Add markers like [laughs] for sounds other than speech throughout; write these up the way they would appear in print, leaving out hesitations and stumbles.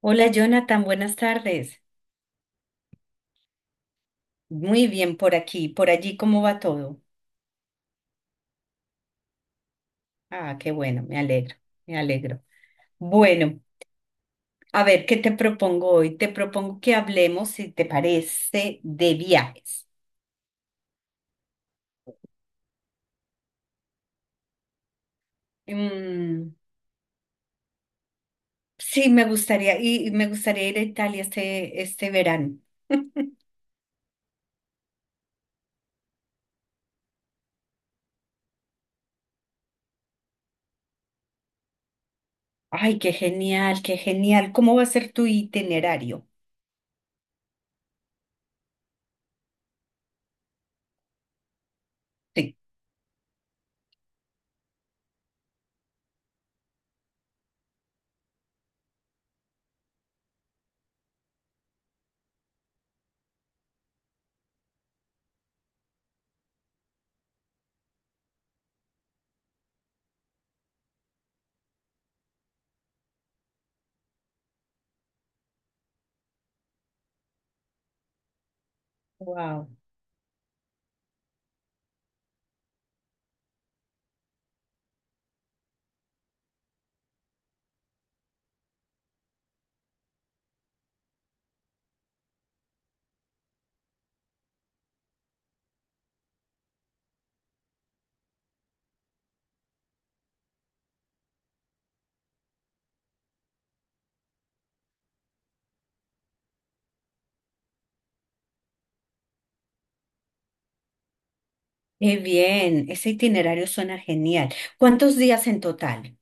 Hola Jonathan, buenas tardes. Muy bien por aquí, por allí, ¿cómo va todo? Ah, qué bueno, me alegro, me alegro. Bueno, a ver, ¿qué te propongo hoy? Te propongo que hablemos, si te parece, de viajes. Mm, sí, me gustaría, y me gustaría ir a Italia este verano. Ay, qué genial, qué genial. ¿Cómo va a ser tu itinerario? Sí. Wow. Qué bien, ese itinerario suena genial. ¿Cuántos días en total?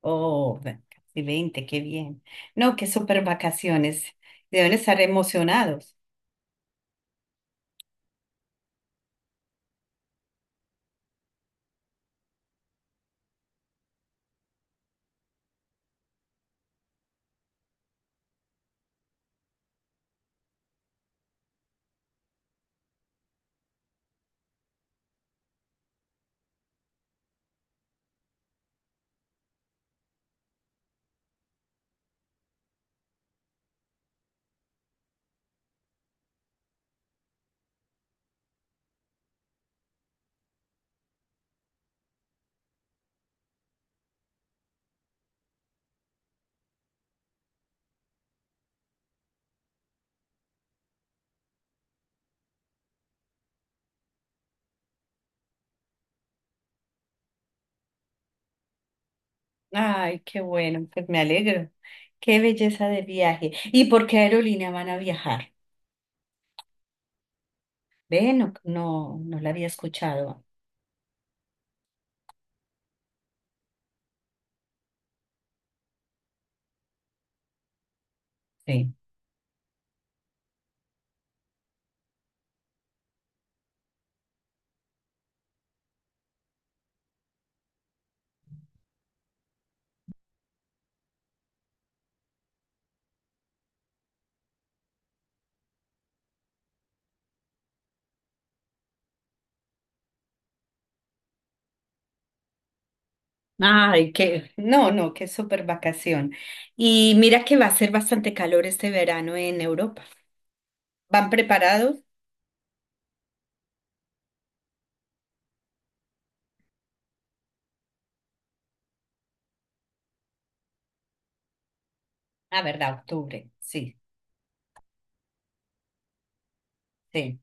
Oh, ve- casi veinte, qué bien. No, qué súper vacaciones. Deben estar emocionados. Ay, qué bueno, pues me alegro. Qué belleza de viaje. ¿Y por qué aerolínea van a viajar? Ve, no, no, no la había escuchado. Sí. Ay, qué, no, no, qué súper vacación. Y mira que va a ser bastante calor este verano en Europa. ¿Van preparados? Ah, verdad, octubre, sí, sí.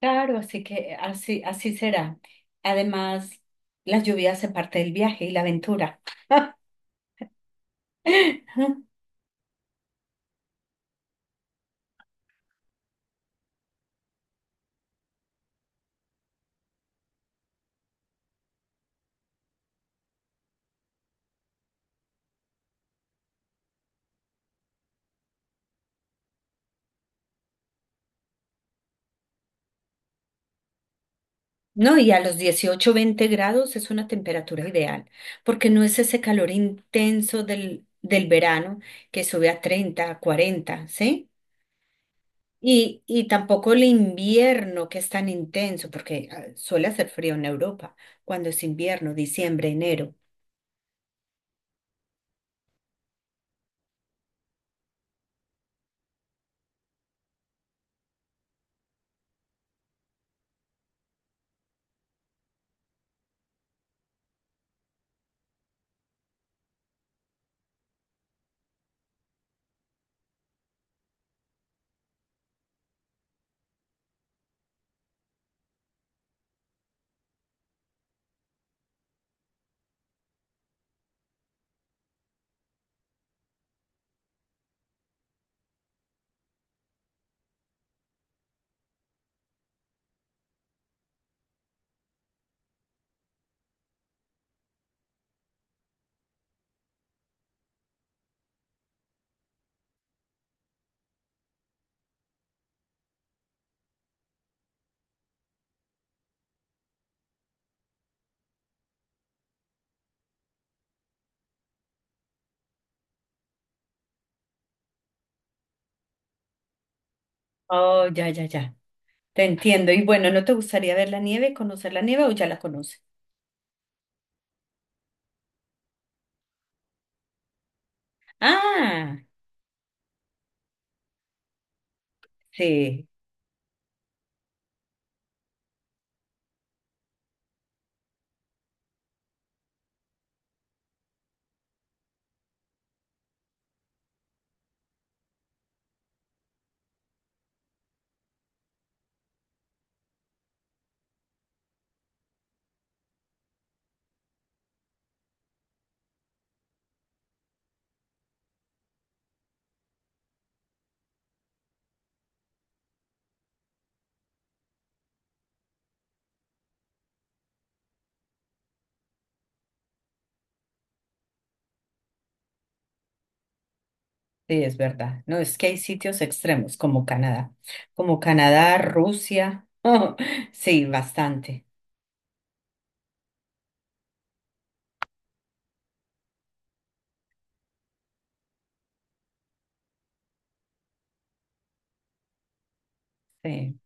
Claro, así que así, así será. Además, las lluvias se parte del viaje y la aventura. [laughs] No, y a los 18 20 grados es una temperatura ideal, porque no es ese calor intenso del verano que sube a 30 a 40, ¿sí? Y tampoco el invierno que es tan intenso, porque ah, suele hacer frío en Europa, cuando es invierno, diciembre, enero. Oh, ya, ya, ya. Te entiendo. Y bueno, ¿no te gustaría ver la nieve, conocer la nieve o ya la conoces? Ah, sí, sí, es verdad. No, es que hay sitios extremos como Canadá, Rusia. [laughs] sí, bastante. Sí,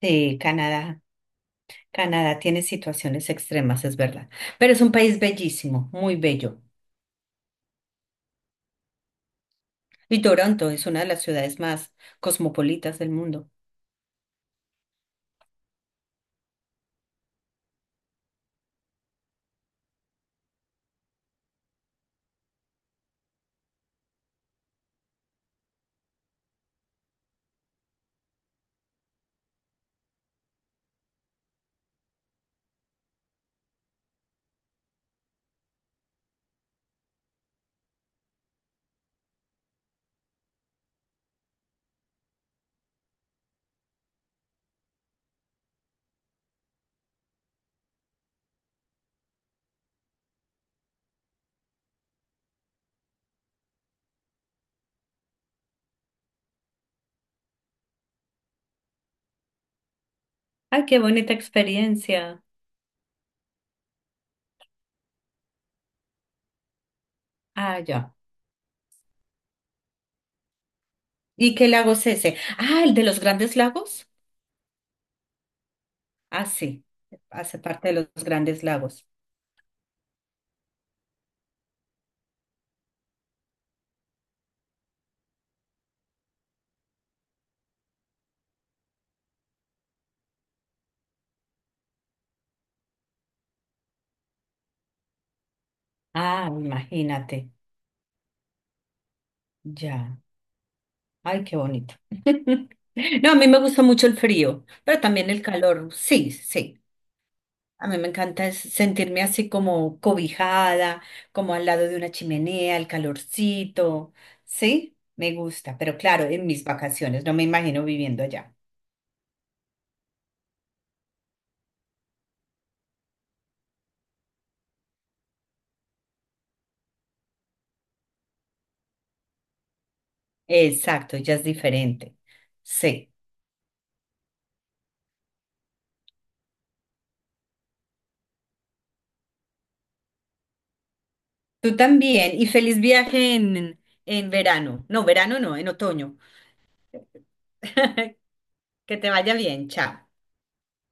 sí, Canadá. Canadá tiene situaciones extremas, es verdad. Pero es un país bellísimo, muy bello. Y Toronto es una de las ciudades más cosmopolitas del mundo. Ay, qué bonita experiencia. Ah, ya. ¿Y qué lago es ese? Ah, el de los grandes lagos. Ah, sí, hace parte de los Grandes Lagos. Ah, imagínate, ya. Ay, qué bonito. [laughs] No, a mí me gusta mucho el frío, pero también el calor. Sí, sí. A mí me encanta es sentirme así como cobijada, como al lado de una chimenea, el calorcito. Sí, me gusta, pero claro, en mis vacaciones, no me imagino viviendo allá. Exacto, ya es diferente. Sí. Tú también, y feliz viaje en verano. No, verano no, en otoño. [laughs] Que te vaya bien, chao.